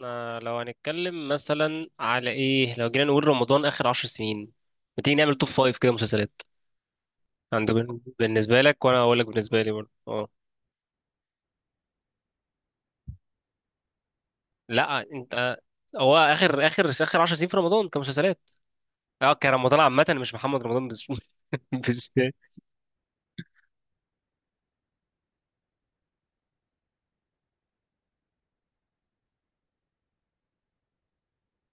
احنا لو هنتكلم مثلا على ايه، لو جينا نقول رمضان اخر 10 سنين، ما تيجي نعمل توب فايف كده مسلسلات عندك؟ بالنسبه لك، وانا هقول لك بالنسبه لي برضه. اه لا انت هو اخر 10 سنين في رمضان كمسلسلات. اه كرمضان عامه، مش محمد رمضان بس بالذات.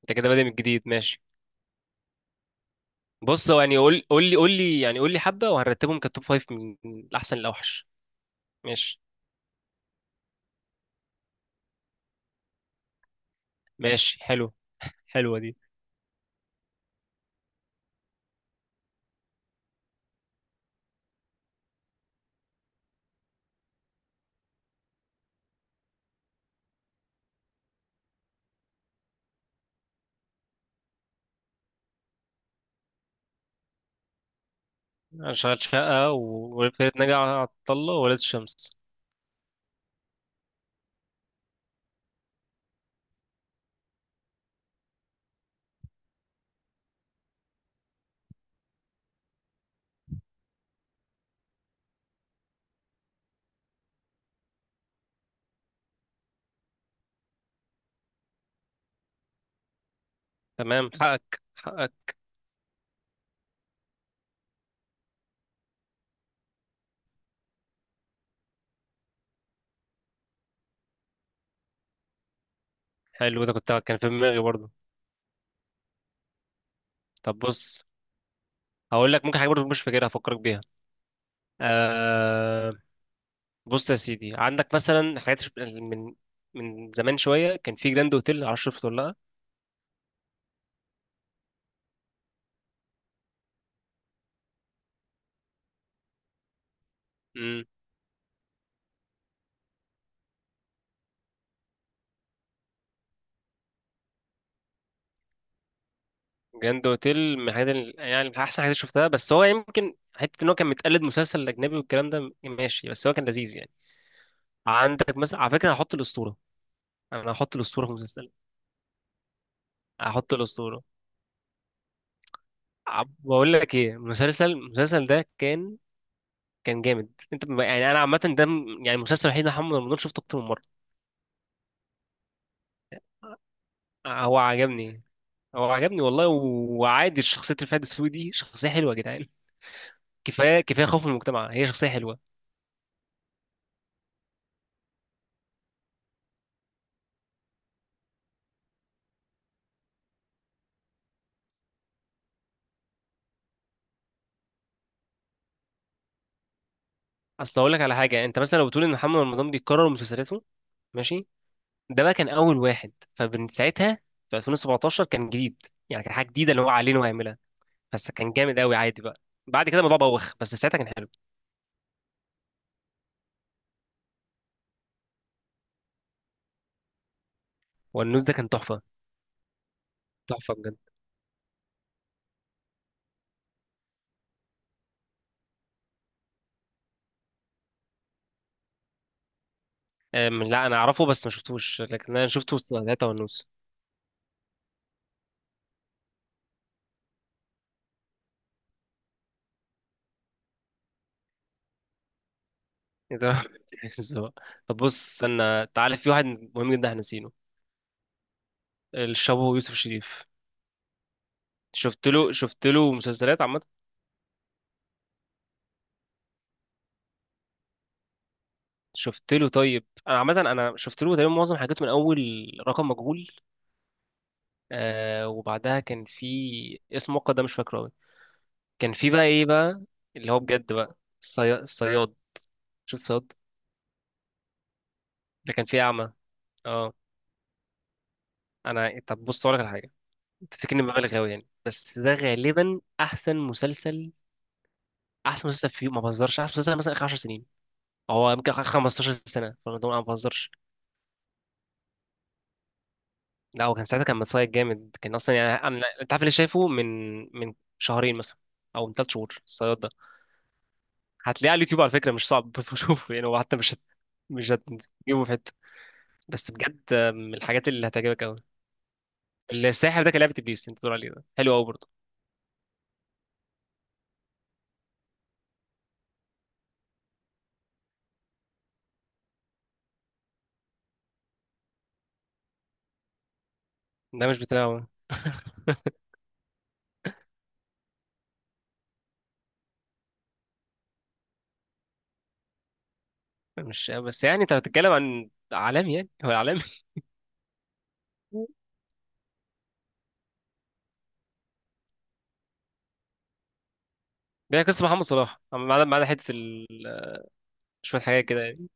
انت كده بادئ من جديد، ماشي. بص هو يعني قول لي حبه، وهنرتبهم كتوب فايف من الاحسن للاوحش. ماشي، ماشي، حلو. حلوه دي. اشغال شقه و- وفرقه ناجي عطا الله وولاد الشمس. تمام، حقك، حقك. حلو ده، كان في دماغي برضه. طب بص، هقول لك ممكن حاجه برضه مش فاكرها، هفكرك بيها. آه بص يا سيدي، عندك مثلا حاجات من زمان شويه، كان في جراند اوتيل، عارف؟ شفته ولا لا؟ امم جراند اوتيل من الحاجات، ال- يعني من احسن حاجات شفتها، بس هو يمكن حته ان هو كان متقلد مسلسل اجنبي والكلام ده، ماشي، بس هو كان لذيذ يعني. عندك مثلا على فكره هحط الاسطوره. انا هحط الاسطوره في المسلسل. هحط الاسطوره. بقول لك ايه، المسلسل ده كان جامد. انت يعني انا عامه ده، يعني المسلسل الوحيد اللي محمد رمضان شفته اكتر من مره. هو عجبني هو عجبني والله، و- وعادي، شخصيه الفهد السوقي دي شخصيه حلوه يا جدعان. كفايه كفايه خوف من المجتمع، هي شخصيه حلوه. اصل اقول لك على حاجه، انت مثلا لو بتقول ان محمد رمضان بيكرر مسلسلاته، ماشي، ده بقى كان اول واحد، فمن ساعتها في 2017 كان جديد يعني، كان حاجه جديده اللي هو علينا وهيعملها. بس كان جامد قوي، عادي بقى بعد كده الموضوع بوخ، بس ساعتها كان حلو. والنوز ده كان تحفه، تحفه بجد. لا انا اعرفه بس ما شفتوش، لكن انا شفته وسط ثلاثة ونص. إيه ده؟ بالظبط. طب بص، استنى، تعالى في واحد مهم جدا احنا نسينه، الشابو يوسف شريف. شفت له مسلسلات عامة. شفت له، طيب انا عامة انا شفت له تقريبا معظم حاجاته، من اول رقم مجهول، آه وبعدها كان في اسم مؤقت ده مش فاكره قوي، كان في بقى ايه بقى، اللي هو بجد بقى الصياد. الصياد، شفت الصياد؟ ده كان فيه اعمى. اه انا طب بص اقول لك على حاجة، بتتكلم مبالغ قوي يعني، بس ده غالبا احسن مسلسل في، ما بهزرش، احسن مسلسل مثلا اخر 10 سنين. هو يمكن اخر 15 سنه، فالموضوع انا ما بهزرش. لا هو كان ساعتها كان متصايد جامد، كان اصلا يعني انا، انت عارف اللي شايفه من شهرين مثلا، او من 3 شهور، الصياد ده. هتلاقيه على اليوتيوب على فكره، مش صعب تشوفه يعني، هو حتى مش هتجيبه في حته. بس بجد من الحاجات اللي هتعجبك قوي. الساحر ده كان لعبه ابليس، انت بتقول عليه ده حلو قوي برضه؟ ده مش بتاعه، مش بس، يعني انت بتتكلم عن عالمي؟ يعني هو عالمي يعني قصة محمد صلاح، ما عدا حتة ال... شوية حاجات كده يعني.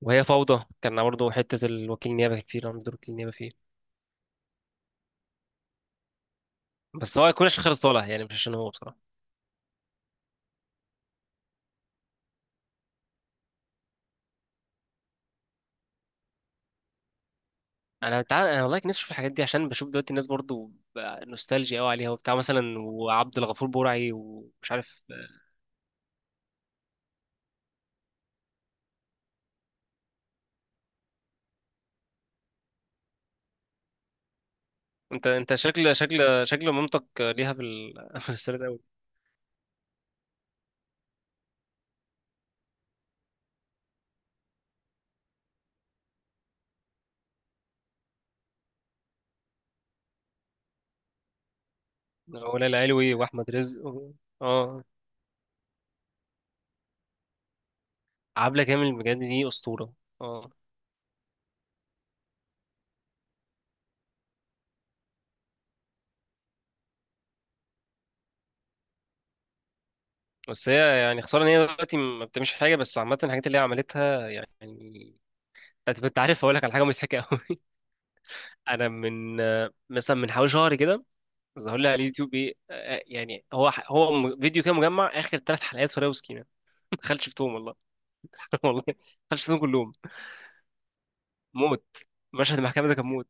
وهي فوضى كان برضه حتة الوكيل النيابة، كان فيه رمز دور وكيل النيابة فيه، بس هو يكون عشان خالد صالح يعني، مش عشان هو بصراحة. أنا والله كان نفسي أشوف الحاجات دي، عشان بشوف دلوقتي الناس برضه بقى نوستالجيا أوي عليها وبتاع، مثلا وعبد الغفور برعي ومش عارف. أنت شكل، شكل مامتك ليها في ال... في السرد أوي. ولا العلوي وأحمد رزق و... أه عبلة كامل بجد دي أسطورة. آه. بس هي يعني خساره ان هي دلوقتي ما بتعملش حاجه، بس عامه الحاجات اللي هي عملتها يعني. انت عارف، اقول لك على حاجه مضحكه قوي. انا من مثلا من حوالي شهر كده، ظهر لي على اليوتيوب ايه، يعني فيديو كده مجمع اخر 3 حلقات فراوي وسكينه. ما دخلتش شفتهم والله. والله ما دخلتش شفتهم كلهم، موت. مشهد المحكمه ده كان موت.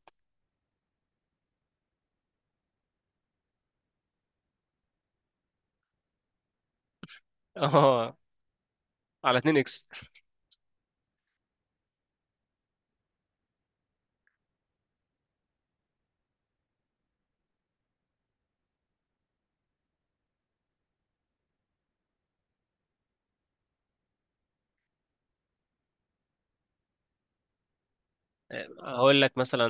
اه على 2 اكس. هقول لك مثلا،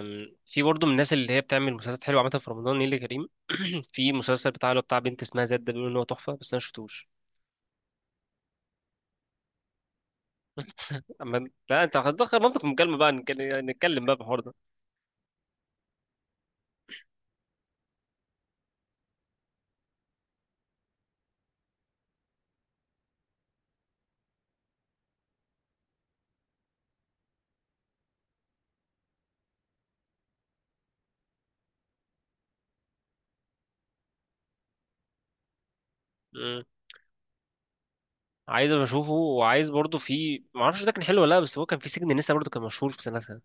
في برضه من الناس اللي هي بتعمل مسلسلات حلوه عامه في رمضان، نيللي كريم. في مسلسل بتاع اللي هو بتاع بنت اسمها زاد، ده بيقولوا ان هو تحفه، بس انا ما شفتوش. أما لا، أنت هتدخل منطق المكالمة بقى، نتكلم بقى في الحوار ده. مم. عايز أبقى أشوفه، وعايز برضه في معرفش ده كان حلو ولا لأ، بس هو كان في سجن لسه برضه كان مشهور في سنتها.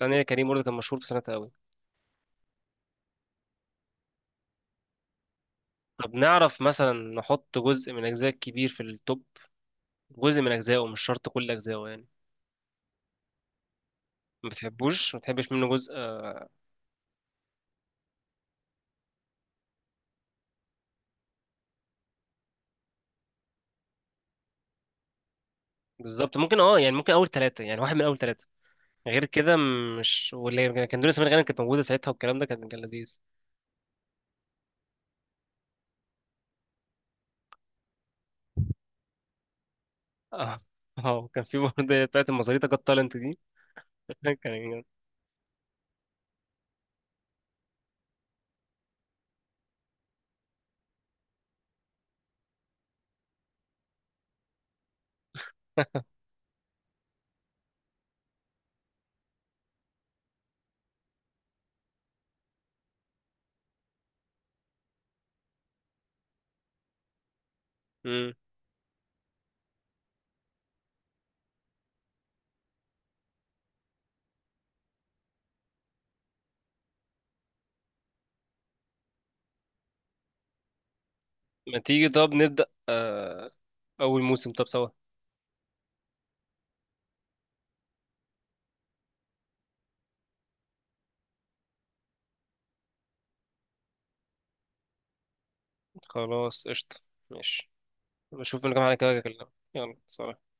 ثانية كريم برضه كان مشهور في سنتها أوي. طب نعرف مثلا نحط جزء من أجزاء كبير في التوب؟ جزء من أجزائه، مش شرط كل أجزائه يعني. ما بتحبش منه جزء. آه، بالظبط ممكن، اه يعني ممكن أول ثلاثة، يعني واحد من أول ثلاثة. غير كده، مش واللي كان دنيا سمير غانم كانت موجودة ساعتها والكلام ده، كان لذيذ. اه اه وكان في برضه بتاعت المزاريطة جت تالنت دي. كان. مم. ما تيجي طب نبدأ أول موسم طب سوا. خلاص قشطة، ماشي. بشوف إن كام حاجة كده أكلمك. يلا سلام.